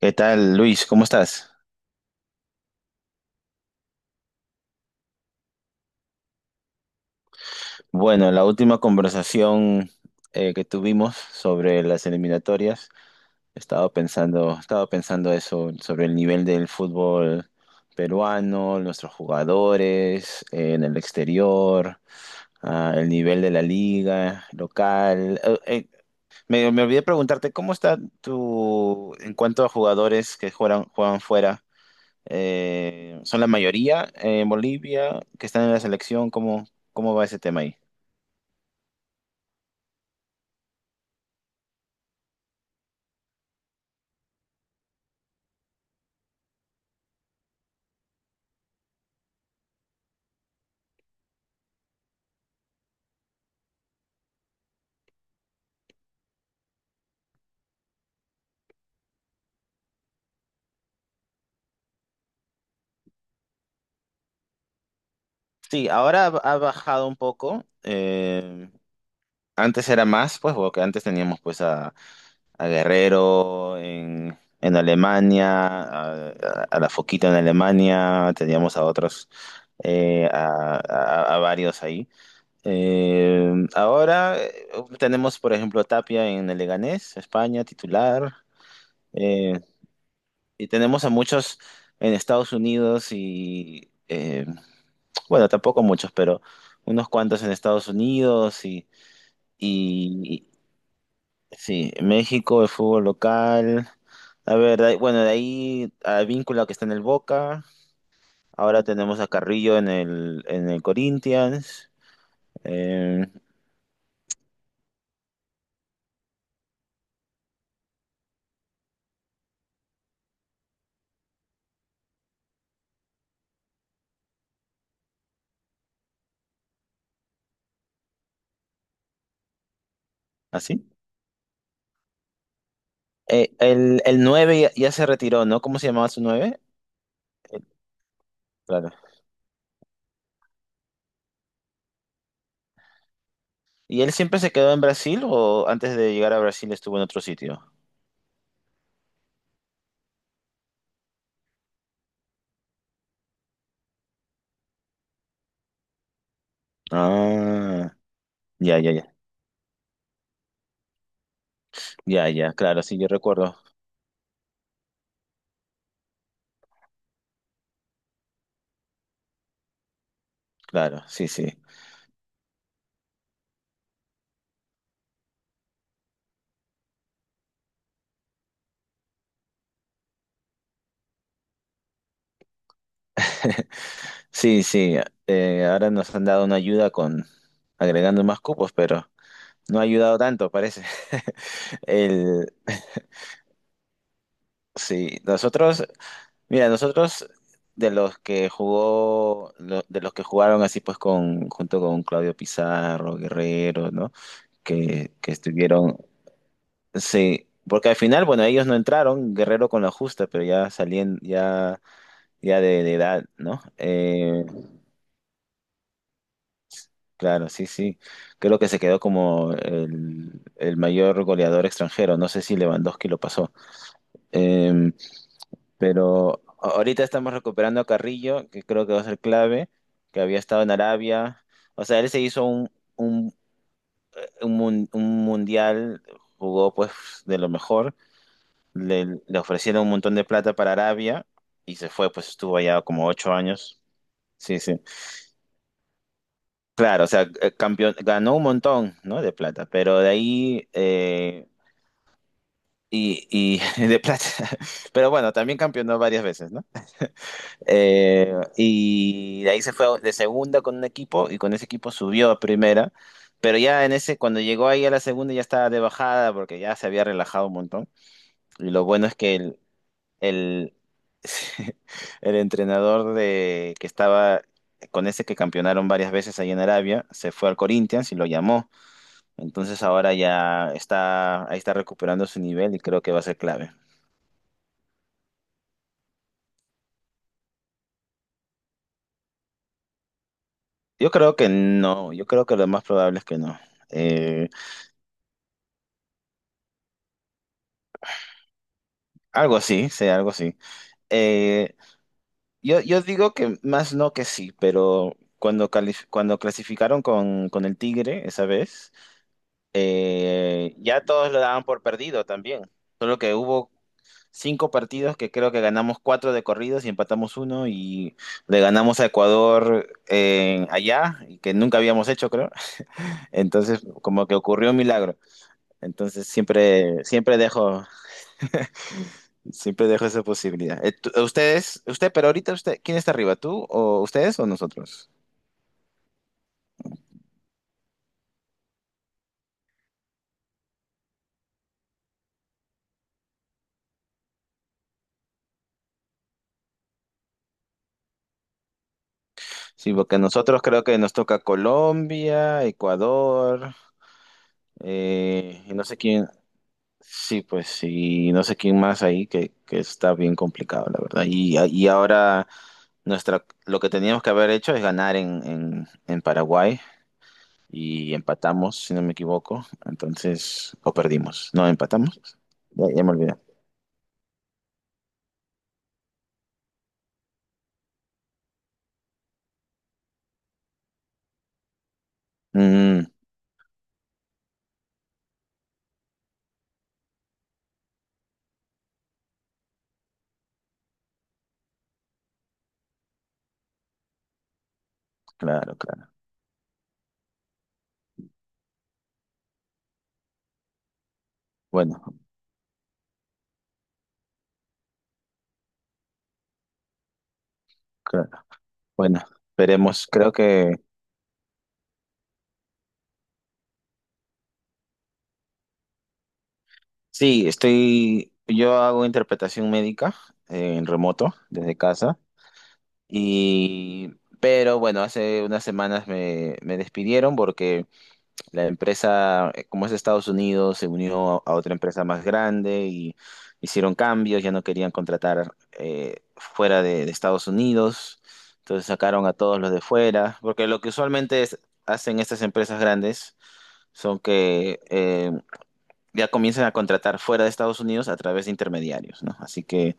¿Qué tal, Luis? ¿Cómo estás? Bueno, la última conversación que tuvimos sobre las eliminatorias, estaba pensando eso, sobre el nivel del fútbol peruano, nuestros jugadores en el exterior, el nivel de la liga local. Me olvidé preguntarte, ¿cómo está tu, en cuanto a jugadores que juegan fuera? Son la mayoría en Bolivia que están en la selección. ¿Cómo va ese tema ahí? Sí, ahora ha bajado un poco. Antes era más, pues, porque antes teníamos pues a Guerrero en Alemania, a la Foquita en Alemania, teníamos a otros, a varios ahí. Ahora Tenemos, por ejemplo, a Tapia en el Leganés, España, titular. eh, Y tenemos a muchos en Estados Unidos bueno, tampoco muchos, pero unos cuantos en Estados Unidos y- sí, México, el fútbol local. A ver, de ahí- Bueno, de ahí a Víncula que está en el Boca. Ahora tenemos a Carrillo en el Corinthians. eh, Así. El 9 ya se retiró, ¿no? ¿Cómo se llamaba su nueve? Eh, Claro. ¿Y él siempre se quedó en Brasil o antes de llegar a Brasil estuvo en otro sitio? Ah, ya, ya, ya, ya, ya, claro, sí, yo recuerdo, claro, sí, sí, sí, sí, ahora nos han dado una ayuda con agregando más cupos, pero no ha ayudado tanto, parece. El, sí, mira, nosotros de los que jugó, de los que jugaron así pues con, junto con Claudio Pizarro, Guerrero, ¿no? Que estuvieron, sí, porque al final, bueno, ellos no entraron, Guerrero con la justa, pero ya salían, ya ya de edad, ¿no? Claro, sí, sí. Creo que se quedó como el mayor goleador extranjero. No sé si Lewandowski lo pasó. Eh, Ahorita estamos recuperando a Carrillo, que creo que va a ser clave, que había estado en Arabia. O sea, él se hizo un, un mundial, jugó pues de lo mejor. Le ofrecieron un montón de plata para Arabia y se fue, pues estuvo allá como 8 años. Sí, sí. Claro, o sea, campeón, ganó un montón, ¿no? De plata, pero de ahí, y, y de plata, pero bueno, también campeonó varias veces, ¿no? Y de ahí se fue de segunda con un equipo y con ese equipo subió a primera, pero ya en ese, cuando llegó ahí a la segunda ya estaba de bajada porque ya se había relajado un montón. Y lo bueno es que el, el entrenador de, que estaba con ese que campeonaron varias veces ahí en Arabia se fue al Corinthians y lo llamó. Entonces ahora ya está, ahí está recuperando su nivel y creo que va a ser clave. Yo creo que no, yo creo que lo más probable es que no. Eh, Algo así, sí, algo así. Eh, yo digo que más no que sí, pero cuando clasificaron con el Tigre esa vez, ya todos lo daban por perdido también. Solo que hubo cinco partidos que creo que ganamos cuatro de corridos y empatamos uno y le ganamos a Ecuador allá, y que nunca habíamos hecho, creo. Entonces, como que ocurrió un milagro. Entonces, siempre dejo esa posibilidad. Ustedes, usted, pero ahorita usted, ¿quién está arriba? ¿Tú o ustedes o nosotros? Sí, porque nosotros creo que nos toca Colombia, Ecuador, y no sé quién. Sí, pues sí, no sé quién más ahí que está bien complicado, la verdad. Y ahora nuestra, lo que teníamos que haber hecho es ganar en Paraguay. Y empatamos, si no me equivoco. Entonces, o perdimos. No, empatamos. Ya, ya me olvidé. Mm, claro, claro. Bueno, claro. Bueno, veremos. Creo que sí, estoy. Yo hago interpretación médica en remoto, desde casa. Y. Pero bueno, hace unas semanas me despidieron porque la empresa, como es de Estados Unidos, se unió a otra empresa más grande y hicieron cambios, ya no querían contratar fuera de Estados Unidos, entonces sacaron a todos los de fuera, porque lo que hacen estas empresas grandes son que ya comienzan a contratar fuera de Estados Unidos a través de intermediarios, ¿no?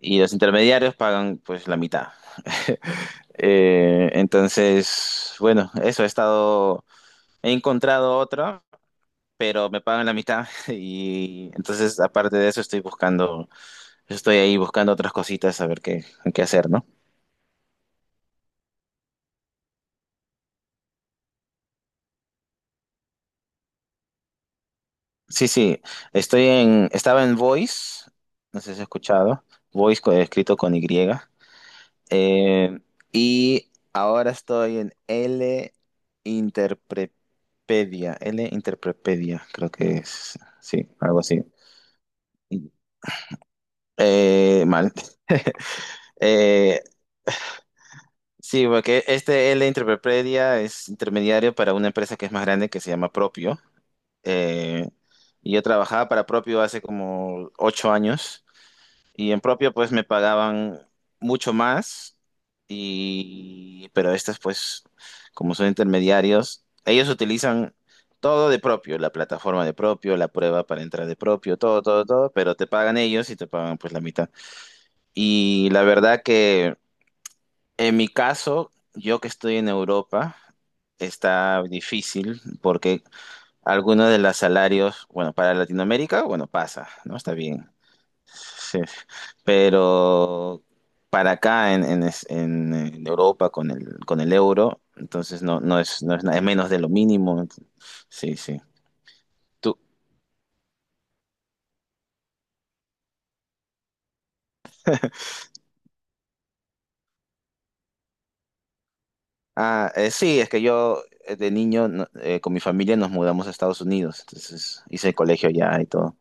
Y los intermediarios pagan pues la mitad. Bueno, eso he estado, he encontrado otra, pero me pagan la mitad y entonces aparte de eso estoy buscando, estoy ahí buscando otras cositas a ver qué, qué hacer, ¿no? Sí, sí, estaba en Voice, no sé si has escuchado, escrito con Y, eh, y ahora estoy en L Interprepedia, L Interprepedia, creo que es, sí, algo así. Mal. Eh, Sí, porque este L Interprepredia es intermediario para una empresa que es más grande que se llama Propio. Eh, y yo trabajaba para Propio hace como 8 años y en Propio pues me pagaban mucho más y pero estas pues como son intermediarios, ellos utilizan todo de Propio, la plataforma de Propio, la prueba para entrar de Propio, todo, todo, todo, pero te pagan ellos y te pagan pues la mitad. Y la verdad que en mi caso, yo que estoy en Europa, está difícil porque algunos de los salarios, bueno, para Latinoamérica, bueno, pasa, ¿no? Está bien. Sí. Pero para acá en Europa con el euro, entonces no es, es menos de lo mínimo. Sí, sí. Tú, ah, sí, es que yo de niño con mi familia nos mudamos a Estados Unidos, entonces hice el colegio allá y todo.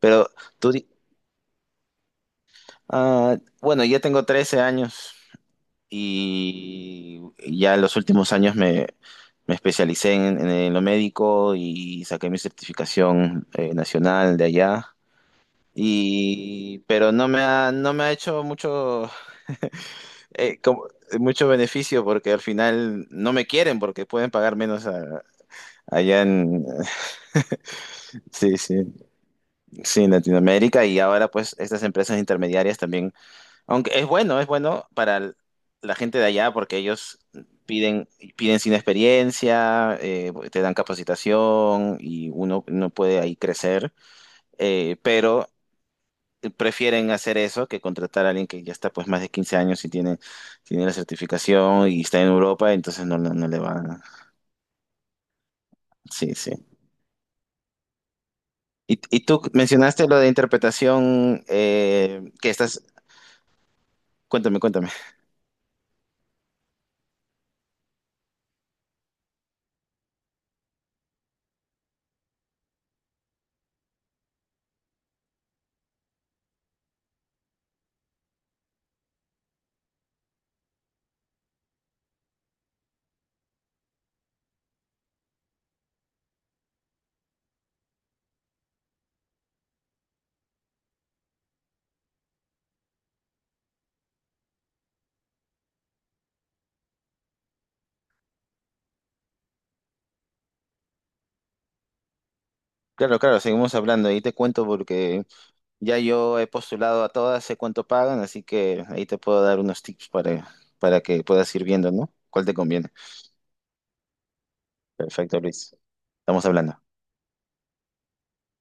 Pero tú, ah, bueno, yo tengo 13 años y ya en los últimos años me especialicé en lo médico y saqué mi certificación nacional de allá. Y, pero no me ha hecho mucho, eh, como- mucho beneficio porque al final no me quieren porque pueden pagar menos allá en, sí, sí, sí, en Latinoamérica y ahora pues estas empresas intermediarias también. Aunque es bueno, la gente de allá porque ellos piden, piden sin experiencia, te dan capacitación y uno, no puede ahí crecer, pero prefieren hacer eso que contratar a alguien que ya está pues más de 15 años y tiene, tiene la certificación y está en Europa, entonces no, no, no le va. ¿No? Sí, sí. Y tú mencionaste lo de interpretación, que estás... Cuéntame, cuéntame. Claro, claro, seguimos hablando. Ahí te cuento porque ya yo he postulado a todas, sé cuánto pagan, así que ahí te puedo dar unos tips para que puedas ir viendo, ¿no? ¿Cuál te conviene? Perfecto, Luis. Estamos hablando.